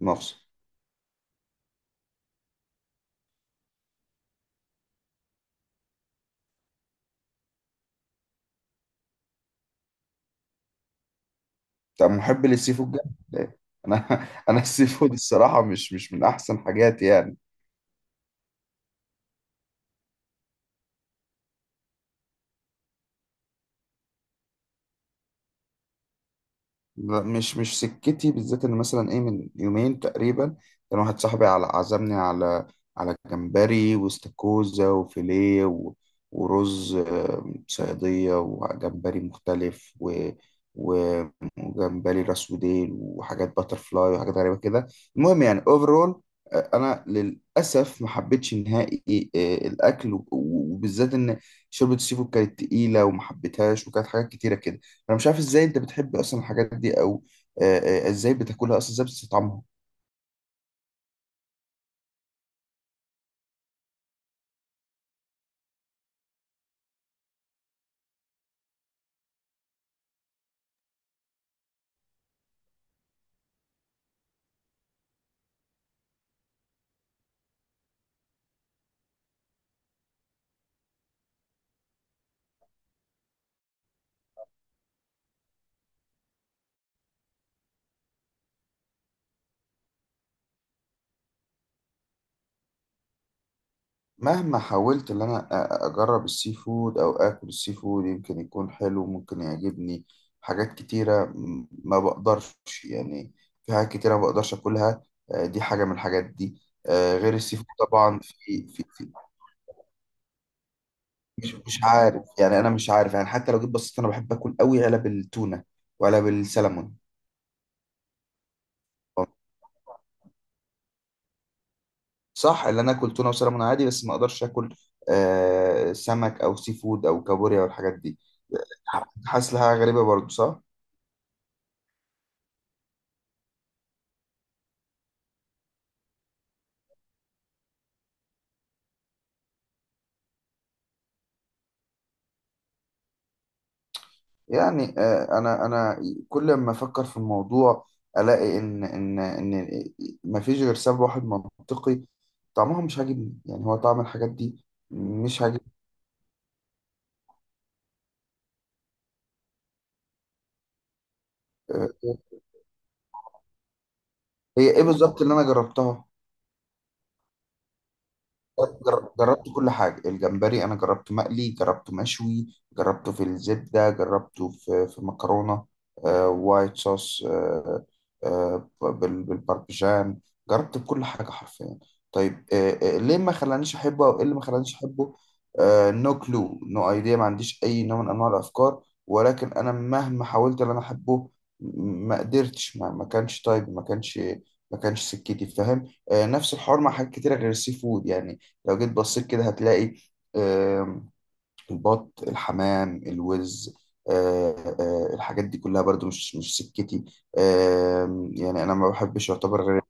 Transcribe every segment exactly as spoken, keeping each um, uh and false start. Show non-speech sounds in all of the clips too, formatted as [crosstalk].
مصر. طب محب للسي فود جدا. انا [laughs] انا السي فود الصراحه مش مش من احسن حاجاتي يعني. لا مش مش سكتي، بالذات ان مثلا ايه، من يومين تقريبا كان واحد صاحبي على عزمني على على جمبري واستاكوزا وفيليه و- ورز، آه، صياديه وجمبري مختلف و و- وجمبري راس وديل وحاجات باتر فلاي وحاجات غريبه كده. المهم يعني اوفرول انا للاسف ما حبيتش نهائي آه، الاكل، و- وبالذات ان شوربه السي فود كانت تقيله وما حبيتهاش، وكانت حاجات كتيره كده. انا مش عارف ازاي انت بتحب اصلا الحاجات دي، او آه، آه، ازاي بتاكلها اصلا، ازاي بتستطعمها. مهما حاولت ان انا أ- أ- اجرب السي فود او اكل السي فود، يمكن يكون حلو ممكن يعجبني. حاجات كتيرة، م- ما بقدرش يعني. في حاجات كتيرة ما بقدرش اكلها. آه، دي حاجة من الحاجات دي، آه، غير السي فود طبعا في في في. مش مش عارف يعني. انا مش عارف يعني. حتى لو جيت بصيت انا بحب اكل قوي علب التونة وعلب السلمون. صح، اللي انا اكل تونه وسلمون عادي، بس ما اقدرش اكل آه سمك او سي فود او كابوريا والحاجات دي. حاسس لها غريبه برضو، صح. يعني آه، انا انا كل ما افكر في الموضوع، الاقي ان ان ان ما فيش غير سبب واحد منطقي. طعمها مش عاجبني. يعني هو طعم الحاجات دي مش عاجبني. آه. هي ايه بالظبط اللي انا جربتها؟ جر- جربت كل حاجة. الجمبري أنا جربته مقلي، جربته مشوي، جربته في الزبدة، جربته في في مكرونة، آه، وايت صوص، آه، آه، بال- بالباربيجان. جربت كل حاجة حرفيا. طيب، آه، آه، ليه ما خلانيش أحبه، أو إيه اللي ما خلانيش أحبه؟ نو كلو نو أيديا. ما عنديش أي نوع من أنواع الأفكار، ولكن أنا مهما حاولت إن أنا أحبه م- ما قدرتش. ما ما كانش طيب ما كانش ما كانش سكتي، فاهم؟ آه، نفس الحوار مع حاجات كتيرة غير السي فود يعني. لو جيت بصيت كده هتلاقي، آم، البط، الحمام، الوز، آه، آه، الحاجات دي كلها برضو مش مش سكتي. آم، يعني انا ما بحبش يعتبر غير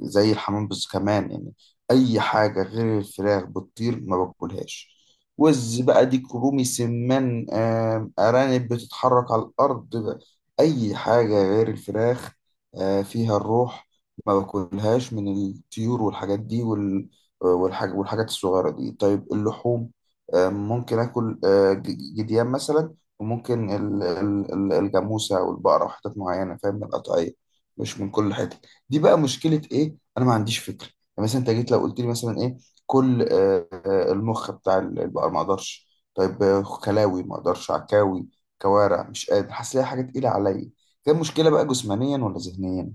زي الحمام، بس كمان يعني اي حاجه غير الفراخ بتطير ما باكلهاش. وز بقى، ديك رومي، سمان، آم، ارانب بتتحرك على الارض بقى. اي حاجه غير الفراخ آه، فيها الروح ما باكلهاش، من الطيور والحاجات دي، وال والحاج- والحاجات الصغيره دي. طيب اللحوم، آه، ممكن اكل آه، ج- ج- جديان مثلا، وممكن ال- ال- ال- الجاموسه والبقره، وحتت معينه، فاهم، من القطعيه، مش من كل حته. دي بقى مشكله ايه؟ انا ما عنديش فكره. يعني مثلا انت جيت لو قلت لي مثلا ايه، كل آه، آه، المخ بتاع ال- البقر، ما اقدرش. طيب آه، خلاوي ما اقدرش، عكاوي، كوارع مش قادر، حاسس ليها حاجه تقيله عليا. ده مشكله بقى جسمانيا ولا ذهنيا؟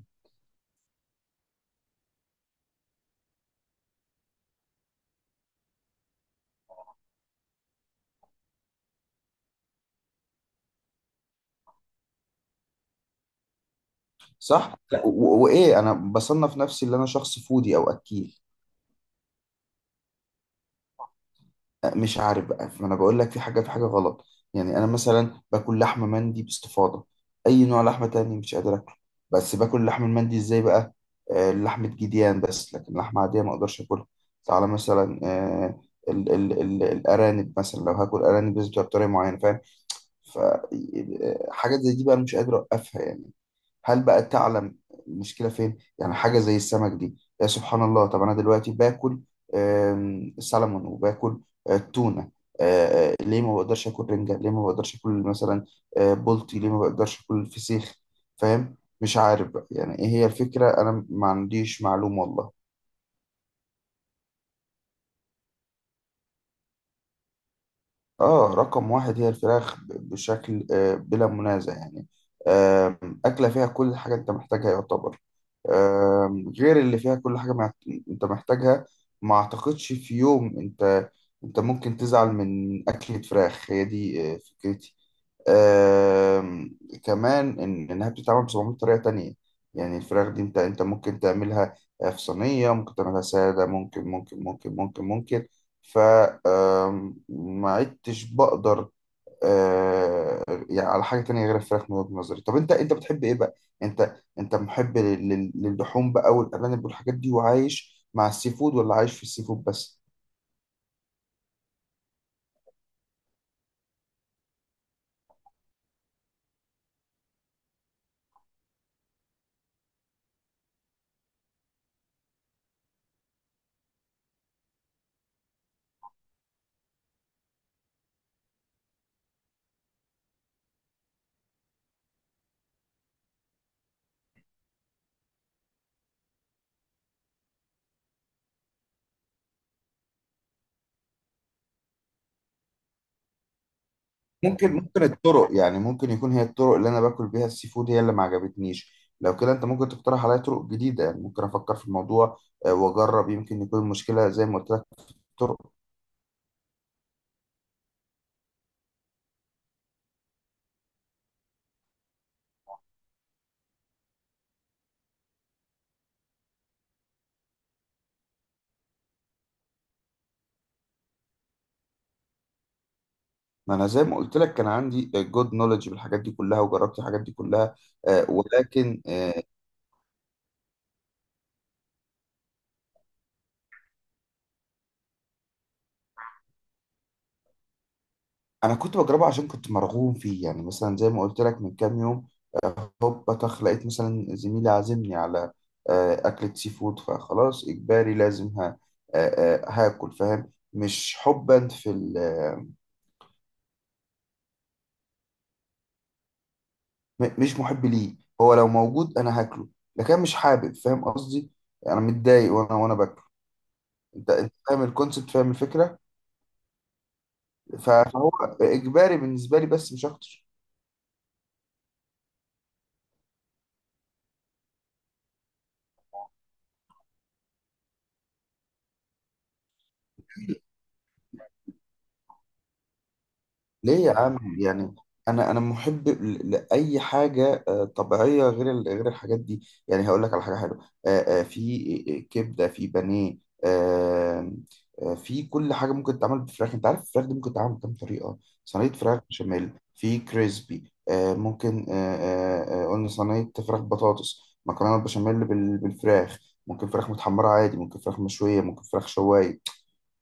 صح. لا، و- و- وايه، انا بصنف نفسي اللي انا شخص فودي او اكيل. مش عارف بقى، ما انا بقول لك في حاجه في حاجه غلط. يعني انا مثلا باكل لحمه مندي باستفاضه، اي نوع لحمه تاني مش قادر اكله. بس باكل لحم المندي، ازاي بقى؟ آه، لحمه جديان بس، لكن لحمه عاديه ما اقدرش اكلها. تعالى مثلا آه، ال ال ال الارانب مثلا، لو هاكل ارانب بس بتبقى بطريقه معينه، فاهم؟ ف آه، حاجات زي دي بقى أنا مش قادر اوقفها يعني. هل بقى تعلم المشكلة فين؟ يعني حاجة زي السمك دي، يا سبحان الله. طب أنا دلوقتي باكل آم، سلمون، وباكل آه، تونة. آه، آه، ليه ما بقدرش آكل رنجة؟ ليه ما بقدرش آكل مثلا آه، بولتي؟ ليه ما بقدرش آكل فسيخ؟ فاهم؟ مش عارف بقى يعني إيه هي الفكرة. أنا ما عنديش معلومة والله. اه، رقم واحد هي الفراخ، ب- بشكل آه، بلا منازع يعني. آم، أكلة فيها كل حاجة أنت محتاجها يعتبر. آم، غير اللي فيها كل حاجة مع- أنت محتاجها. ما أعتقدش في يوم أنت، أنت ممكن تزعل من أكلة فراخ. هي دي آه، فكرتي. آم، كمان إن إنها بتتعمل ب سبعمية طريقة تانية. يعني الفراخ دي أنت، أنت ممكن تعملها آه، في صينية، ممكن تعملها سادة، ممكن ممكن ممكن ممكن ممكن. ف آم، ما عدتش بقدر آه، يعني على حاجة تانية غير الفراخ، من وجهة نظري. طب أنت، أنت بتحب إيه بقى؟ أنت أنت محب لل- لل- للحوم بقى، والأرانب والحاجات دي، وعايش مع السي فود، ولا عايش في السي فود بس؟ ممكن ممكن الطرق، يعني ممكن يكون هي الطرق اللي انا باكل بيها السي فود هي اللي ما عجبتنيش. لو كده انت ممكن تقترح عليا طرق جديده، يعني ممكن افكر في الموضوع آه، واجرب. يمكن يكون المشكله زي ما قلت لك، الطرق. ما انا زي ما قلت لك، كان عندي جود نولج بالحاجات دي كلها، وجربت الحاجات دي كلها آه، ولكن آه، انا كنت بجربها عشان كنت مرغوم فيه. يعني مثلا زي ما قلت لك من كام يوم، هوب بطخ لقيت مثلا زميلي عازمني على آه، أكلة سي فود، فخلاص إجباري لازم ها آه، آه، هاكل، فاهم؟ مش حبا في ال آه، م- مش محب ليه. هو لو موجود أنا هاكله، لكن مش حابب، فاهم قصدي؟ أنا متضايق وأنا وأنا باكل. أنت، أنت فاهم الكونسيبت، فاهم الفكرة. ف- فهو إجباري بالنسبة لي، بس مش أكتر. ليه يا عم يعني، انا انا محب ل- لاي حاجه آه، طبيعيه غير ال- غير الحاجات دي. يعني هقول لك على حاجه حلوه، آه، آه، في آه، كبده، في بانيه، آه، آه، في كل حاجه ممكن تتعمل بفراخ. انت عارف الفراخ دي ممكن تتعمل بكام طريقه؟ صينيه فراخ بشاميل، في كريسبي، آه، ممكن آه، آه، آه، قلنا صينيه فراخ بطاطس، مكرونه بشاميل بال- بالفراخ، ممكن فراخ متحمره عادي، ممكن فراخ مشويه، ممكن فراخ شوايه.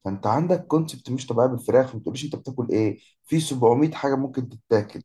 فانت عندك كونسبت مش طبيعي بالفراخ، ما تقوليش انت بتاكل ايه، في سبعمية حاجه ممكن تتاكل.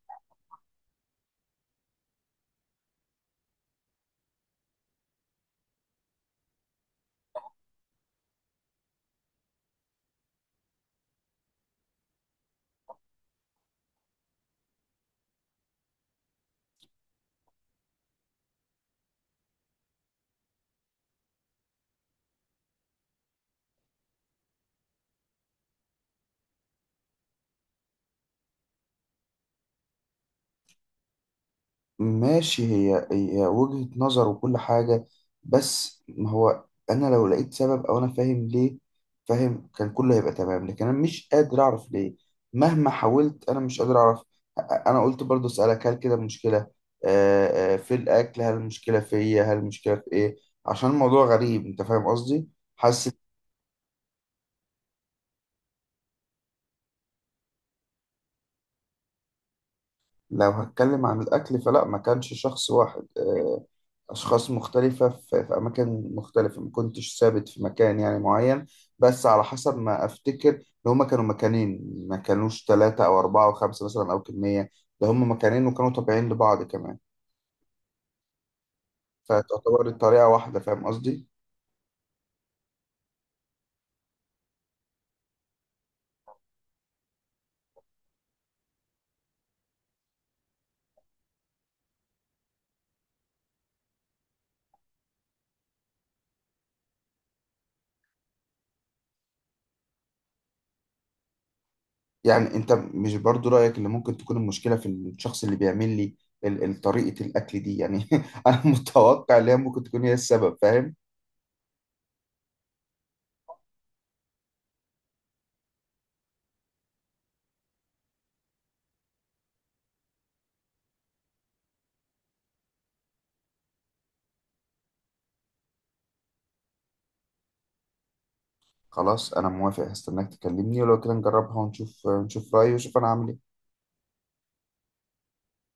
ماشي، هي هي وجهه نظر وكل حاجه، بس ما هو انا لو لقيت سبب او انا فاهم ليه، فاهم، كان كله هيبقى تمام، لكن انا مش قادر اعرف ليه. مهما حاولت انا مش قادر اعرف. انا قلت برضو اسالك، هل كده المشكله آه، آه، في الاكل، هل المشكله فيا، هل المشكله في ايه، عشان الموضوع غريب، انت فاهم قصدي؟ حاسس. لو هتكلم عن الاكل فلا، ما كانش شخص واحد. أشخاص مختلفة في، في أماكن مختلفة، ما كنتش ثابت في مكان يعني معين، بس على حسب ما أفتكر إن هما كانوا مكانين، ما كانوش ثلاثة أو أربعة أو خمسة مثلا أو كمية. ده هما مكانين وكانوا طبيعيين لبعض كمان، فتعتبر الطريقة واحدة، فاهم قصدي؟ يعني أنت مش برضو رأيك إن ممكن تكون المشكلة في الشخص اللي بيعمل لي ال- ال- طريقة الأكل دي يعني [laughs] أنا متوقع إن هي ممكن تكون هي السبب، فاهم؟ خلاص أنا موافق، هستناك تكلمني، ولو كده نجربها ونشوف، نشوف رأيي ونشوف أنا هعمل إيه.